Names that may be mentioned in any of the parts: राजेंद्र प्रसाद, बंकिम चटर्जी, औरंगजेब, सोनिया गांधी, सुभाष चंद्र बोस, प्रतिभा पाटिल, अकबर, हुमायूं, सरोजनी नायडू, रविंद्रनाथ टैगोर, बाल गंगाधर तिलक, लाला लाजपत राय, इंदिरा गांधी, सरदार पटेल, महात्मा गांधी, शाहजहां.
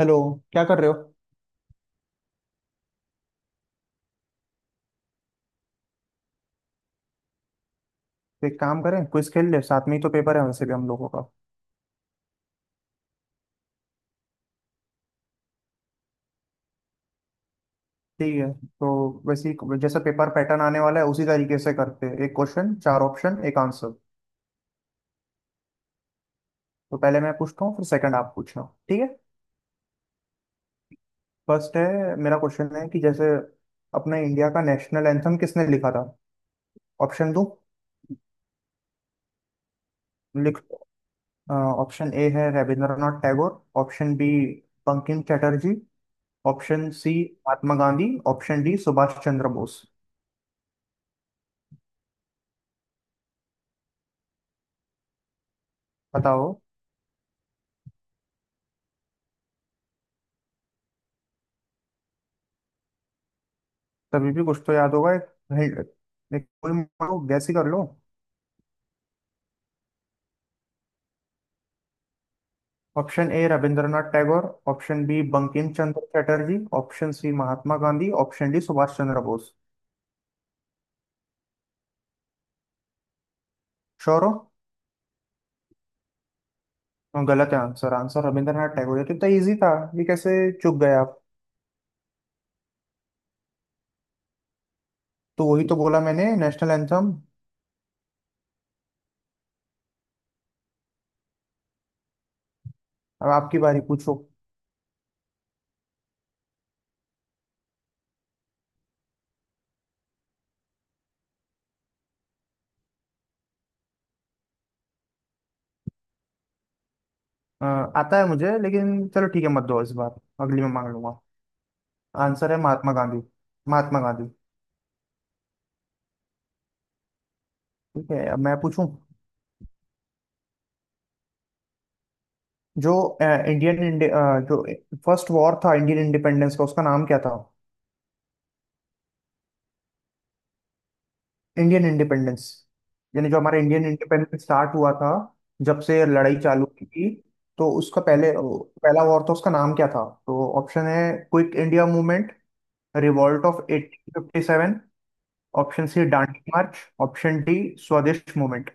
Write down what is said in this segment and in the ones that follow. Hello. क्या कर रहे हो तो? एक काम करें, क्विज खेल ले, साथ में ही तो पेपर है वैसे भी हम लोगों का। ठीक है। तो वैसे ही जैसा पेपर पैटर्न आने वाला है, उसी तरीके से करते हैं। एक क्वेश्चन, चार ऑप्शन, एक आंसर। तो पहले मैं पूछता हूँ, फिर सेकंड आप पूछना। ठीक है। फर्स्ट है। मेरा क्वेश्चन है कि जैसे अपने इंडिया का नेशनल एंथम किसने लिखा था। ऑप्शन दो। लिख ऑप्शन ए है रविंद्रनाथ टैगोर, option B बंकिम चटर्जी, option C महात्मा गांधी, option D सुभाष चंद्र बोस। बताओ। तभी भी कुछ तो याद होगा। हिंट- एक कोई मानो गैस ही कर लो। Option A रविंद्रनाथ टैगोर, option B Bankim Chandra Chatterjee, option C महात्मा गांधी, option D सुभाष चंद्र बोस। Sure हो? और गलत है। आंसर आंसर रविंद्रनाथ टैगोर है, तो इतना इजी था। ये कैसे चूक गए आप? तो वही तो बोला मैंने, नेशनल एंथम। अब आपकी बारी, पूछो। आता है मुझे, लेकिन चलो ठीक है मत दो इस बार, अगली में मांग लूंगा। आंसर है महात्मा गांधी। महात्मा गांधी। ठीक है, अब मैं पूछूं। जो इंडियन जो फर्स्ट वॉर था इंडियन इंडिपेंडेंस का, उसका नाम क्या था। इंडियन इंडिपेंडेंस, यानी जो हमारा इंडियन इंडिपेंडेंस स्टार्ट हुआ था, जब से लड़ाई चालू हुई थी। तो उसका पहले पहला वॉर था, उसका नाम क्या था। तो ऑप्शन है quick India movement, revolt of 1857, option C Dandi march, option D Swadesh movement.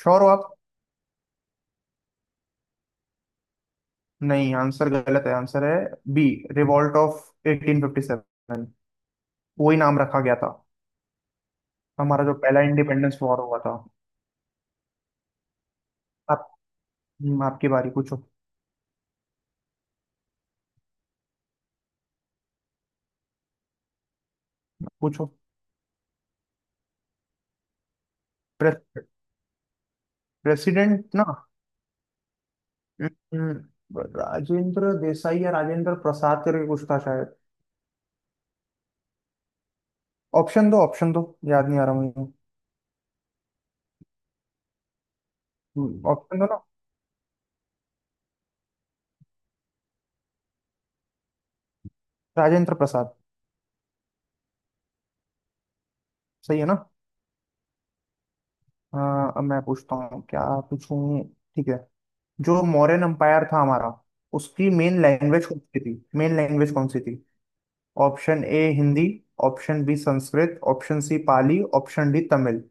Sure हो आप? नहीं, आंसर गलत है। आंसर है बी, रिवॉल्ट ऑफ 1857। वही नाम रखा गया था हमारा जो पहला इंडिपेंडेंस वॉर हुआ था। आप। आपकी बारी, पूछो। पूछो। प्रे, प्रेसिडेंट ना। हम्म, राजेंद्र देसाई या राजेंद्र प्रसाद करके कुछ था शायद। ऑप्शन दो। याद नहीं आ रहा मुझे। ऑप्शन दो ना। राजेंद्र प्रसाद। सही है ना? हाँ, अब मैं पूछता हूँ। क्या पूछूं। ठीक है। जो मौर्यन एम्पायर था हमारा, उसकी मेन लैंग्वेज कौन सी थी। मेन लैंग्वेज कौन सी थी। Option A Hindi, option B Sanskrit, option C Pali, option D Tamil.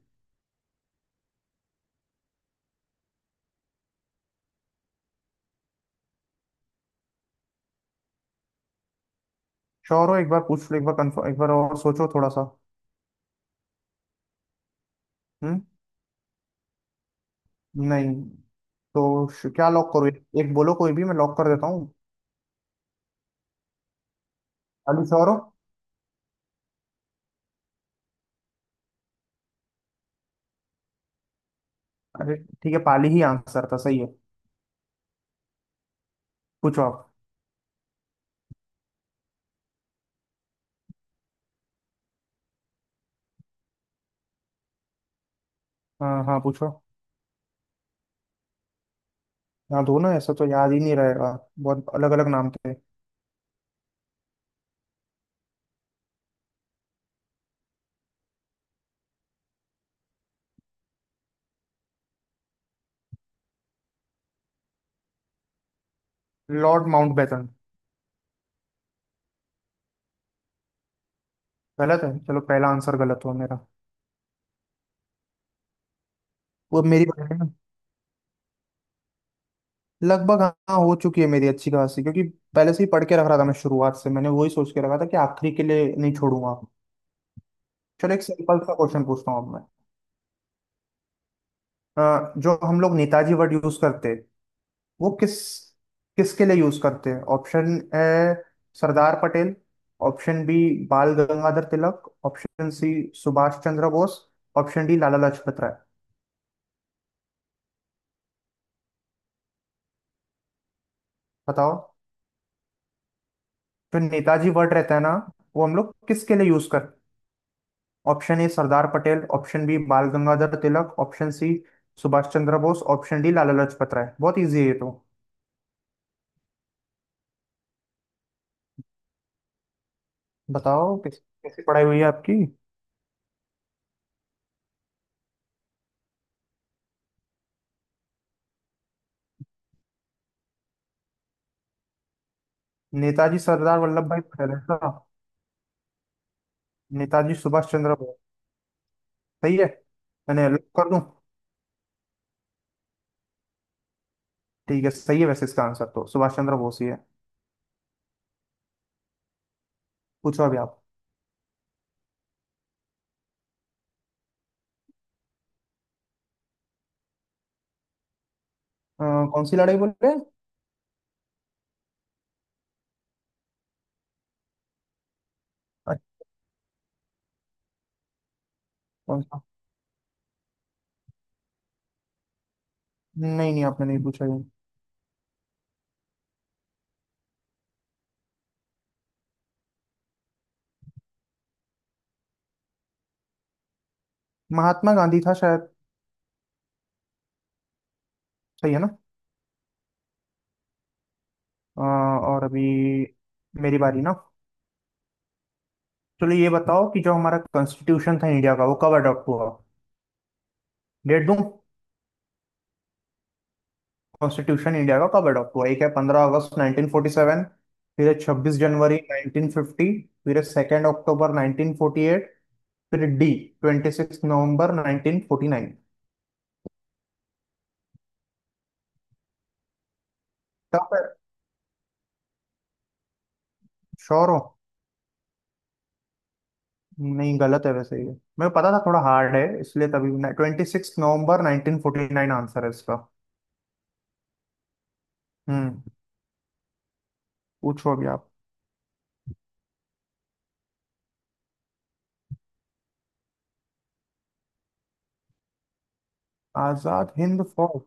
Sure हो? एक बार पूछ लो, एक बार कंफर्म, एक बार और सोचो थोड़ा सा। हम्म। नहीं। तो क्या लॉक करो, एक बोलो कोई भी, मैं लॉक कर देता हूँ। पाली, श्योर हो? अरे, ठीक है, पाली ही आंसर था। सही है। पूछो आप। हाँ हाँ, पूछो। हाँ दो ना, ऐसा तो याद ही नहीं रहेगा, बहुत अलग अलग नाम थे। Lord Mountbatten. गलत है? चलो, पहला आंसर गलत हुआ मेरा। वो मेरी बारी है ना? लगभग हाँ, हो चुकी है मेरी अच्छी खासी, क्योंकि पहले से ही पढ़ के रख रहा था मैं शुरुआत से। मैंने वही सोच के रखा था कि आखिरी के लिए नहीं छोड़ूंगा। चलो एक सिंपल सा क्वेश्चन पूछता हूँ अब मैं। जो हम लोग नेताजी वर्ड यूज करते हैं, वो किसके लिए यूज करते हैं। Option A सरदार पटेल, option B बाल गंगाधर तिलक, option C सुभाष चंद्र बोस, option D लाला लाजपत राय। बताओ। जो नेताजी वर्ड रहता है ना, वो हम लोग किसके लिए यूज कर। Option A सरदार पटेल, option B बाल गंगाधर तिलक, option C सुभाष चंद्र बोस, option D लाला लाजपत राय। बहुत इजी है ये तो। बताओ, किस कैसी पढ़ाई हुई है आपकी? नेताजी सरदार वल्लभ भाई पटेल है ना? नेताजी सुभाष चंद्र बोस। सही है। मैंने लॉक कर दूं? ठीक है, सही है। वैसे इसका आंसर तो सुभाष चंद्र बोस ही है। पूछो अभी आप। अ, कौन सी लड़ाई बोल रहे हैं? अच्छा, कौन सा? नहीं नहीं, आपने नहीं पूछा ये। महात्मा गांधी था शायद। सही है ना? अ, और अभी मेरी बारी ना? चलो, ये बताओ कि जो हमारा कॉन्स्टिट्यूशन था इंडिया का, वो कब अडॉप्ट हुआ। डेट दूं? कॉन्स्टिट्यूशन इंडिया का कब अडॉप्ट हुआ। एक है 15 अगस्त 1947, फिर है 26 जनवरी 1950, फिर है 2 अक्टूबर 1948, फिर डी 26 नवंबर 1949। टफ है। श्योर हो? नहीं, गलत है वैसे ये। मेरे को पता था थोड़ा हार्ड है इसलिए तभी। 26 नवंबर 1949 आंसर है इसका। हम्म। पूछो अभी आप। आजाद हिंद फौज।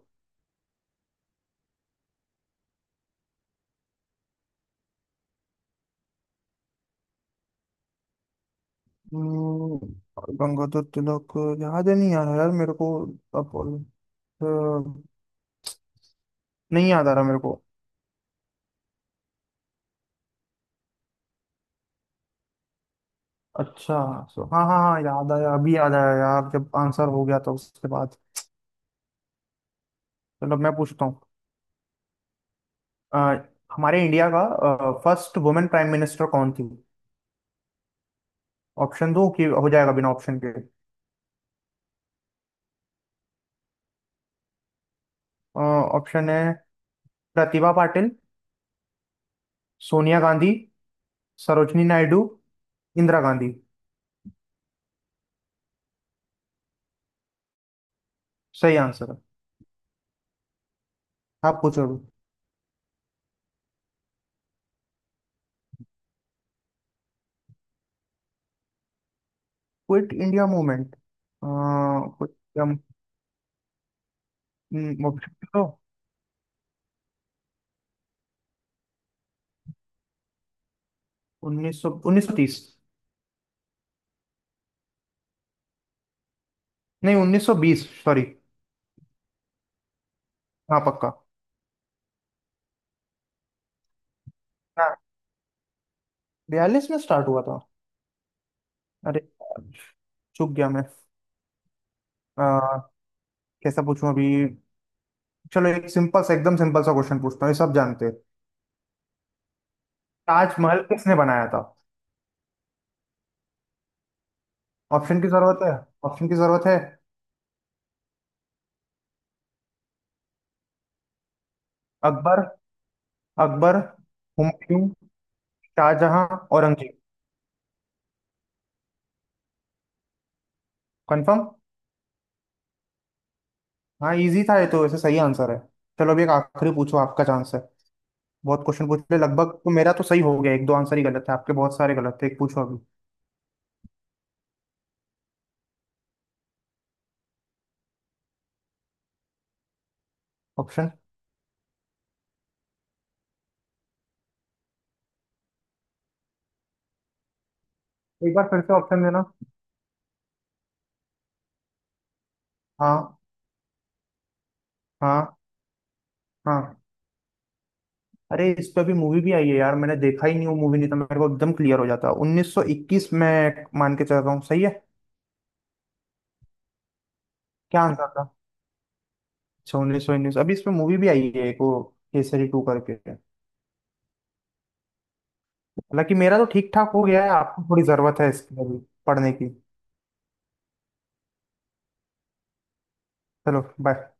हम्म, गंगाधर तिलक। याद ही नहीं आ रहा यार मेरे को। अब अ, नहीं याद आ रहा मेरे को। अच्छा। सो हाँ हाँ हाँ, याद आया, अभी याद आया यार, जब आंसर हो गया तो उसके बाद। चलो मैं पूछता हूँ। अ, हमारे इंडिया का फर्स्ट वुमेन प्राइम मिनिस्टर कौन थी? ऑप्शन दो कि हो जाएगा बिना ऑप्शन के? ऑप्शन है प्रतिभा पाटिल, सोनिया गांधी, सरोजनी नायडू, इंदिरा गांधी। सही आंसर है। आप पूछो। Quit India movement. ऑप्शन दो। उन्नीस सौ तीस। नहीं, 1920, सॉरी। हाँ पक्का। हाँ, बयालीस में स्टार्ट हुआ था। अरे, चूक गया मैं। अ, कैसा पूछूं अभी? चलो एक सिंपल सा, एकदम सिंपल सा क्वेश्चन पूछता हूँ, ये सब जानते हैं। ताजमहल किसने बनाया था? ऑप्शन की जरूरत है? ऑप्शन की जरूरत है? अकबर अकबर, हुमायूं, शाहजहां, औरंगजेब। कंफर्म? हाँ, इजी था ये तो वैसे। सही आंसर है। चलो, अभी एक आखिरी पूछो, आपका चांस है। बहुत क्वेश्चन पूछ ले लगभग, तो मेरा तो सही हो गया, एक दो आंसर ही गलत है, आपके बहुत सारे गलत थे। एक पूछो अभी। ऑप्शन। एक बार फिर से ऑप्शन देना। हाँ हाँ हाँ। अरे, इस पे भी मूवी भी आई है यार, मैंने देखा ही नहीं वो मूवी। नहीं तो मेरे को एकदम क्लियर हो जाता। 1921 में मान के चल रहा हूँ, सही है? क्या आंसर था? अच्छा, 1919। अभी इस पे मूवी भी आई है एक, वो केसरी टू करके। हालांकि मेरा तो ठीक ठाक हो गया है, आपको थोड़ी जरूरत है इसकी अभी पढ़ने की। चलो, बाय।